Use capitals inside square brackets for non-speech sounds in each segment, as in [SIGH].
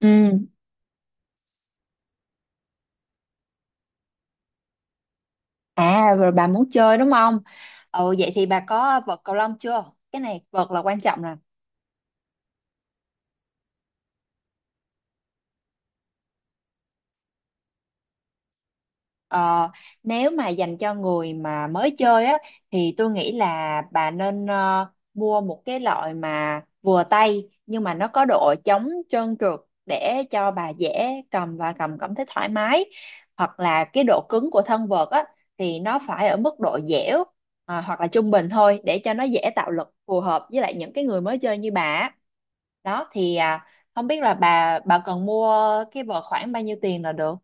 Ừ. À rồi bà muốn chơi đúng không? Ừ, vậy thì bà có vợt cầu lông chưa? Cái này vợt là quan trọng. Ờ, Nếu mà dành cho người mà mới chơi á thì tôi nghĩ là bà nên mua một cái loại mà vừa tay, nhưng mà nó có độ chống trơn trượt để cho bà dễ cầm và cầm cảm thấy thoải mái, hoặc là cái độ cứng của thân vợt á thì nó phải ở mức độ dẻo, hoặc là trung bình thôi, để cho nó dễ tạo lực phù hợp với lại những cái người mới chơi như bà á. Đó thì không biết là bà cần mua cái vợt khoảng bao nhiêu tiền là được.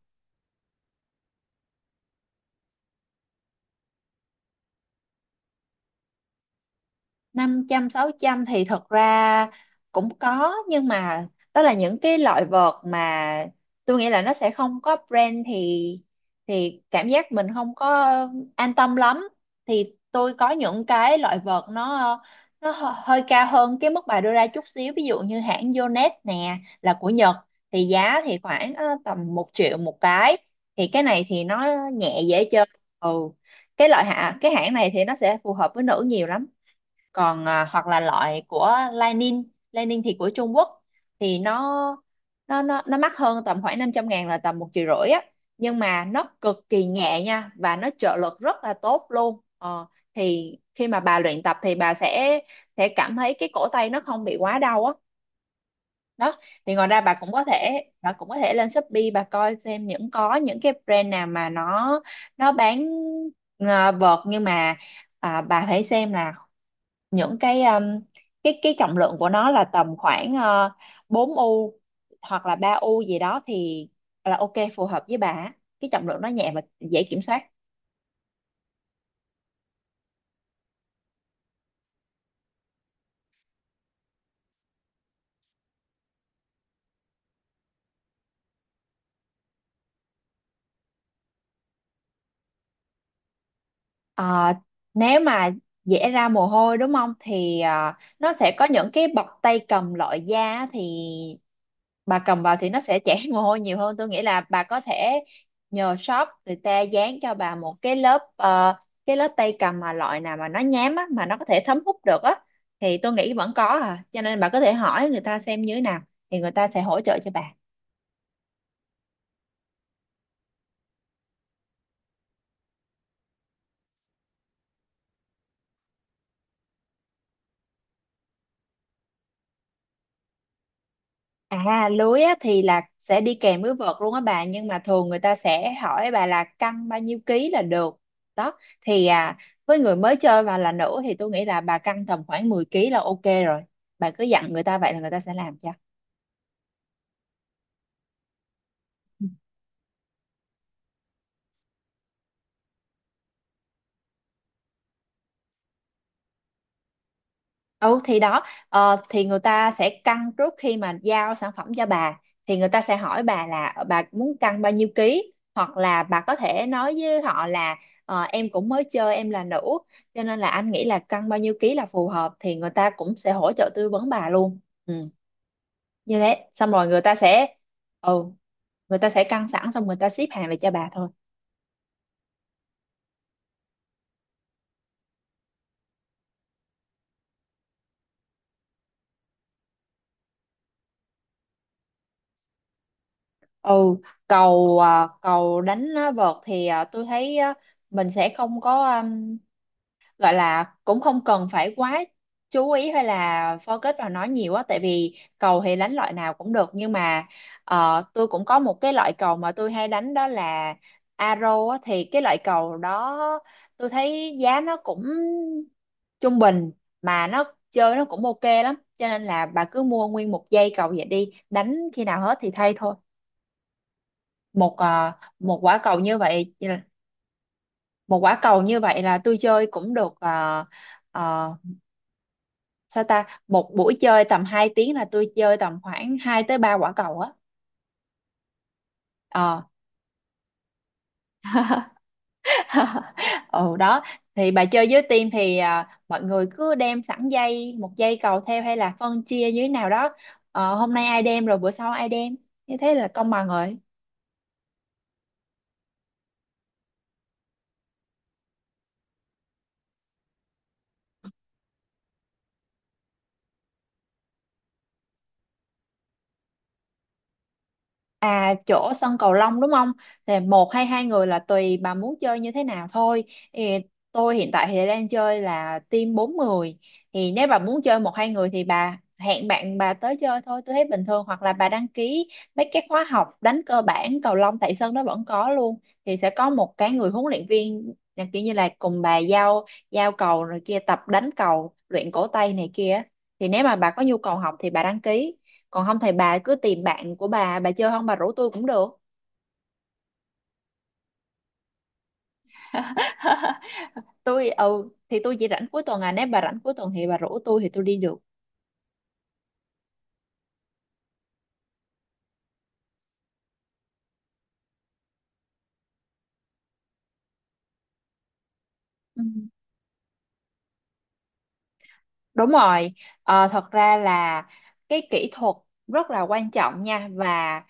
500 600 thì thật ra cũng có, nhưng mà đó là những cái loại vợt mà tôi nghĩ là nó sẽ không có brand, thì cảm giác mình không có an tâm lắm. Thì tôi có những cái loại vợt nó hơi cao hơn cái mức bà đưa ra chút xíu, ví dụ như hãng Yonex nè, là của Nhật, thì giá thì khoảng tầm 1 triệu một cái. Thì cái này thì nó nhẹ, dễ chơi. Ừ, cái loại hạ cái hãng này thì nó sẽ phù hợp với nữ nhiều lắm. Còn hoặc là loại của Lining. Lining thì của Trung Quốc, thì nó nó mắc hơn, tầm khoảng 500 ngàn, là tầm 1 triệu rưỡi á, nhưng mà nó cực kỳ nhẹ nha, và nó trợ lực rất là tốt luôn. Ờ, thì khi mà bà luyện tập thì bà sẽ cảm thấy cái cổ tay nó không bị quá đau á. Đó, thì ngoài ra bà cũng có thể lên Shopee, bà coi xem những có những cái brand nào mà nó bán vợt, nhưng mà bà phải xem là những cái cái trọng lượng của nó là tầm khoảng 4 u, hoặc là 3 u gì đó, thì là ok, phù hợp với bà á. Cái trọng lượng nó nhẹ và dễ kiểm soát. Ờ, nếu mà dễ ra mồ hôi đúng không, thì nó sẽ có những cái bọc tay cầm loại da á. Thì bà cầm vào thì nó sẽ chảy [LAUGHS] mồ hôi nhiều hơn, tôi nghĩ là bà có thể nhờ shop người ta dán cho bà một cái lớp cái lớp tay cầm mà loại nào mà nó nhám á, mà nó có thể thấm hút được á. Thì tôi nghĩ vẫn có à, cho nên bà có thể hỏi người ta xem như thế nào, thì người ta sẽ hỗ trợ cho bà. À lưới á, thì là sẽ đi kèm với vợt luôn á bà, nhưng mà thường người ta sẽ hỏi bà là cân bao nhiêu ký là được. Đó thì với người mới chơi và là nữ thì tôi nghĩ là bà cân tầm khoảng 10 ký là ok rồi. Bà cứ dặn người ta vậy, là người ta sẽ làm cho. Ừ thì đó, thì người ta sẽ cân trước khi mà giao sản phẩm cho bà. Thì người ta sẽ hỏi bà là bà muốn cân bao nhiêu ký, hoặc là bà có thể nói với họ là em cũng mới chơi, em là nữ, cho nên là anh nghĩ là cân bao nhiêu ký là phù hợp, thì người ta cũng sẽ hỗ trợ tư vấn bà luôn. Ừ, như thế xong rồi người ta sẽ, ừ, người ta sẽ cân sẵn, xong người ta ship hàng về cho bà thôi. Ừ, cầu cầu đánh á, vợt thì tôi thấy á, mình sẽ không có gọi là, cũng không cần phải quá chú ý hay là focus vào nó nhiều á, tại vì cầu thì đánh loại nào cũng được, nhưng mà tôi cũng có một cái loại cầu mà tôi hay đánh, đó là arrow á. Thì cái loại cầu đó tôi thấy giá nó cũng trung bình, mà nó chơi nó cũng ok lắm, cho nên là bà cứ mua nguyên một dây cầu vậy, đi đánh khi nào hết thì thay thôi. Một một quả cầu như vậy một quả cầu như vậy là tôi chơi cũng được. uh, Sao ta, một buổi chơi tầm 2 tiếng là tôi chơi tầm khoảng 2 tới 3 quả cầu á. Ờ. [LAUGHS] Ừ đó, thì bà chơi với team thì mọi người cứ đem sẵn dây một dây cầu theo, hay là phân chia như thế nào đó. Ờ, hôm nay ai đem, rồi bữa sau ai đem, như thế là công bằng rồi. À chỗ sân cầu lông đúng không? Thì một hay hai người là tùy bà muốn chơi như thế nào thôi. Thì tôi hiện tại thì đang chơi là team bốn người. Thì nếu bà muốn chơi một hai người thì bà hẹn bạn bà tới chơi thôi, tôi thấy bình thường. Hoặc là bà đăng ký mấy cái khóa học đánh cơ bản cầu lông tại sân đó vẫn có luôn. Thì sẽ có một cái người huấn luyện viên là kiểu như là cùng bà giao giao cầu, rồi kia tập đánh cầu, luyện cổ tay này kia. Thì nếu mà bà có nhu cầu học thì bà đăng ký, còn không thì bà cứ tìm bạn của bà chơi, không bà rủ tôi cũng được. [LAUGHS] Tôi, ừ thì tôi chỉ rảnh cuối tuần à, nếu bà rảnh cuối tuần thì bà rủ tôi, thì tôi đi được. Ừ, đúng rồi. Ờ, thật ra là cái kỹ thuật rất là quan trọng nha, và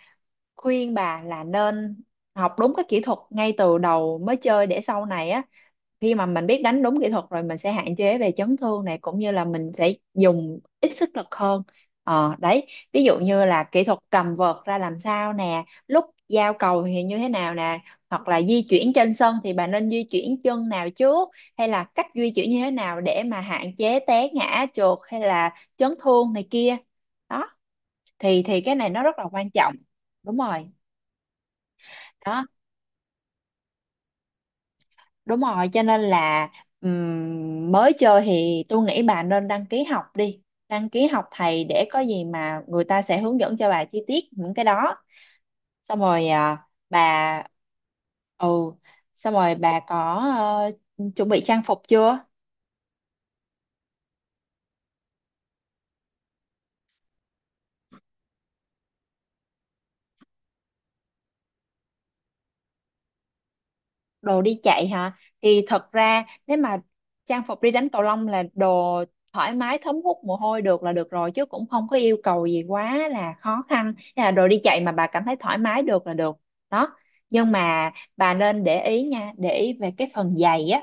khuyên bà là nên học đúng cái kỹ thuật ngay từ đầu mới chơi, để sau này á, khi mà mình biết đánh đúng kỹ thuật rồi, mình sẽ hạn chế về chấn thương này, cũng như là mình sẽ dùng ít sức lực hơn. Ờ đấy, ví dụ như là kỹ thuật cầm vợt ra làm sao nè, lúc giao cầu thì như thế nào nè, hoặc là di chuyển trên sân thì bạn nên di chuyển chân nào trước, hay là cách di chuyển như thế nào để mà hạn chế té ngã trượt hay là chấn thương này kia. Đó thì cái này nó rất là quan trọng. Đúng rồi. Đó, đúng rồi, cho nên là mới chơi thì tôi nghĩ bà nên đăng ký học đi. Đăng ký học thầy để có gì mà người ta sẽ hướng dẫn cho bà chi tiết những cái đó. Xong rồi bà, ừ, xong rồi bà có ờ, chuẩn bị trang phục chưa? Đồ đi chạy hả? Thì thật ra nếu mà trang phục đi đánh cầu lông là đồ thoải mái, thấm hút mồ hôi được là được rồi, chứ cũng không có yêu cầu gì quá là khó khăn. Thế là đồ đi chạy mà bà cảm thấy thoải mái được là được. Đó, nhưng mà bà nên để ý nha, để ý về cái phần giày á.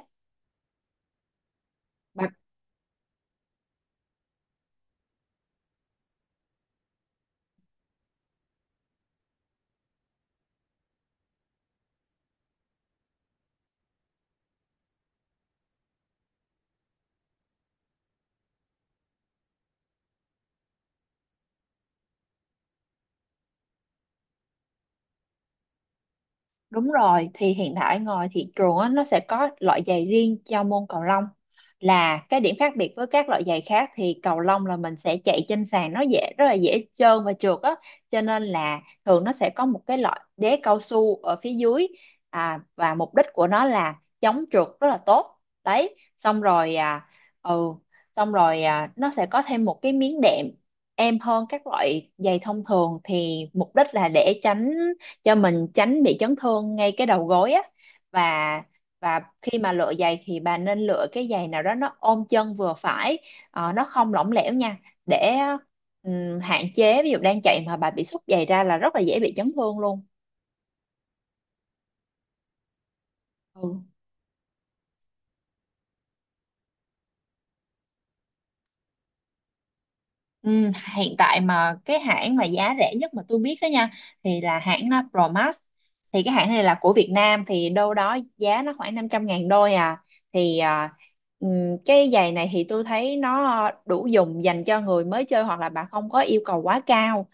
Đúng rồi, thì hiện tại ngoài thị trường á, nó sẽ có loại giày riêng cho môn cầu lông. Là cái điểm khác biệt với các loại giày khác thì cầu lông là mình sẽ chạy trên sàn, nó dễ, rất là dễ trơn và trượt á, cho nên là thường nó sẽ có một cái loại đế cao su ở phía dưới. Và mục đích của nó là chống trượt rất là tốt. Đấy, xong rồi ừ, xong rồi nó sẽ có thêm một cái miếng đệm êm hơn các loại giày thông thường, thì mục đích là để tránh cho mình, tránh bị chấn thương ngay cái đầu gối á. Và khi mà lựa giày thì bà nên lựa cái giày nào đó nó ôm chân vừa phải. Ờ, nó không lỏng lẻo nha, để hạn chế, ví dụ đang chạy mà bà bị xúc giày ra là rất là dễ bị chấn thương luôn. Ừ. Ừ, hiện tại mà cái hãng mà giá rẻ nhất mà tôi biết đó nha, thì là hãng Promax. Thì cái hãng này là của Việt Nam, thì đâu đó giá nó khoảng 500 ngàn đôi à. Thì cái giày này thì tôi thấy nó đủ dùng dành cho người mới chơi, hoặc là bạn không có yêu cầu quá cao.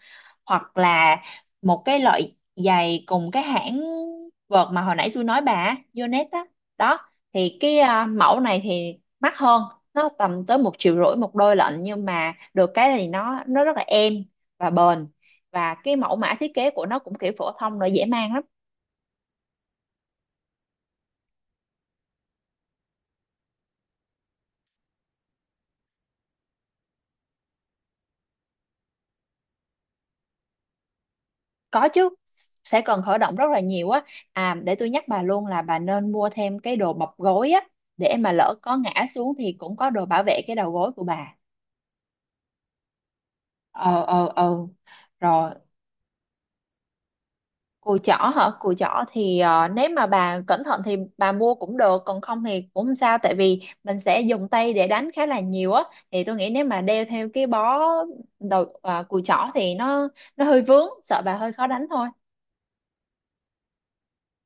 Hoặc là một cái loại giày cùng cái hãng vợt mà hồi nãy tôi nói bà á, Yonex á. Đó thì cái mẫu này thì mắc hơn, nó tầm tới 1 triệu rưỡi một đôi lận, nhưng mà được cái thì nó rất là êm và bền, và cái mẫu mã thiết kế của nó cũng kiểu phổ thông rồi, dễ mang lắm. Có chứ, sẽ cần khởi động rất là nhiều á. À để tôi nhắc bà luôn là bà nên mua thêm cái đồ bọc gối á, để mà lỡ có ngã xuống thì cũng có đồ bảo vệ cái đầu gối của bà. ờ ờ ờ Rồi. Cùi chỏ hả? Cùi chỏ thì nếu mà bà cẩn thận thì bà mua cũng được, còn không thì cũng không sao, tại vì mình sẽ dùng tay để đánh khá là nhiều á. Thì tôi nghĩ nếu mà đeo theo cái bó đầu cùi chỏ thì nó hơi vướng, sợ bà hơi khó đánh thôi.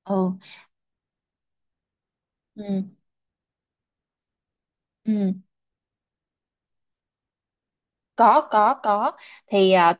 Ừ. Ừ. Ừ. Có có. Thì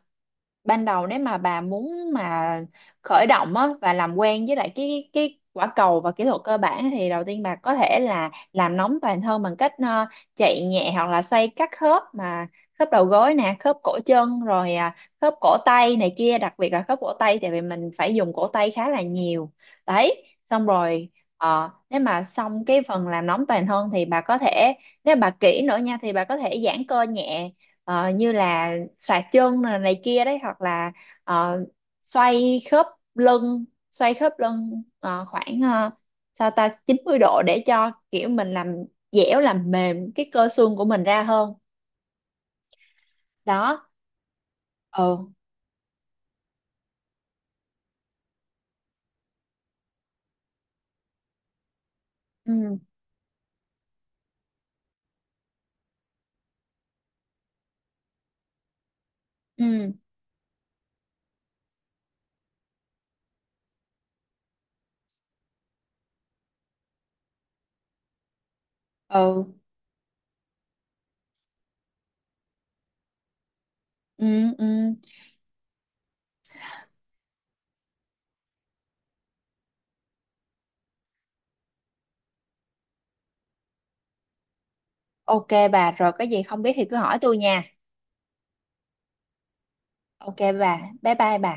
ban đầu, nếu mà bà muốn mà khởi động á và làm quen với lại cái quả cầu và kỹ thuật cơ bản, thì đầu tiên bà có thể là làm nóng toàn thân bằng cách chạy nhẹ hoặc là xoay các khớp, mà khớp đầu gối nè, khớp cổ chân, rồi khớp cổ tay này kia, đặc biệt là khớp cổ tay, tại vì mình phải dùng cổ tay khá là nhiều. Đấy, xong rồi nếu mà xong cái phần làm nóng toàn thân thì bà có thể, nếu bà kỹ nữa nha, thì bà có thể giãn cơ nhẹ. Ờ, như là xoạc chân này, này kia đấy, hoặc là ờ, xoay khớp lưng, khoảng sao ta, 90 độ, để cho kiểu mình làm dẻo, làm mềm cái cơ xương của mình ra hơn. Đó. Ừ. Ừ. Ừ. Ừ. Ừ. Ừ. Ok bà, rồi cái gì không biết thì cứ hỏi tôi nha. Ok bà, bye bye bà.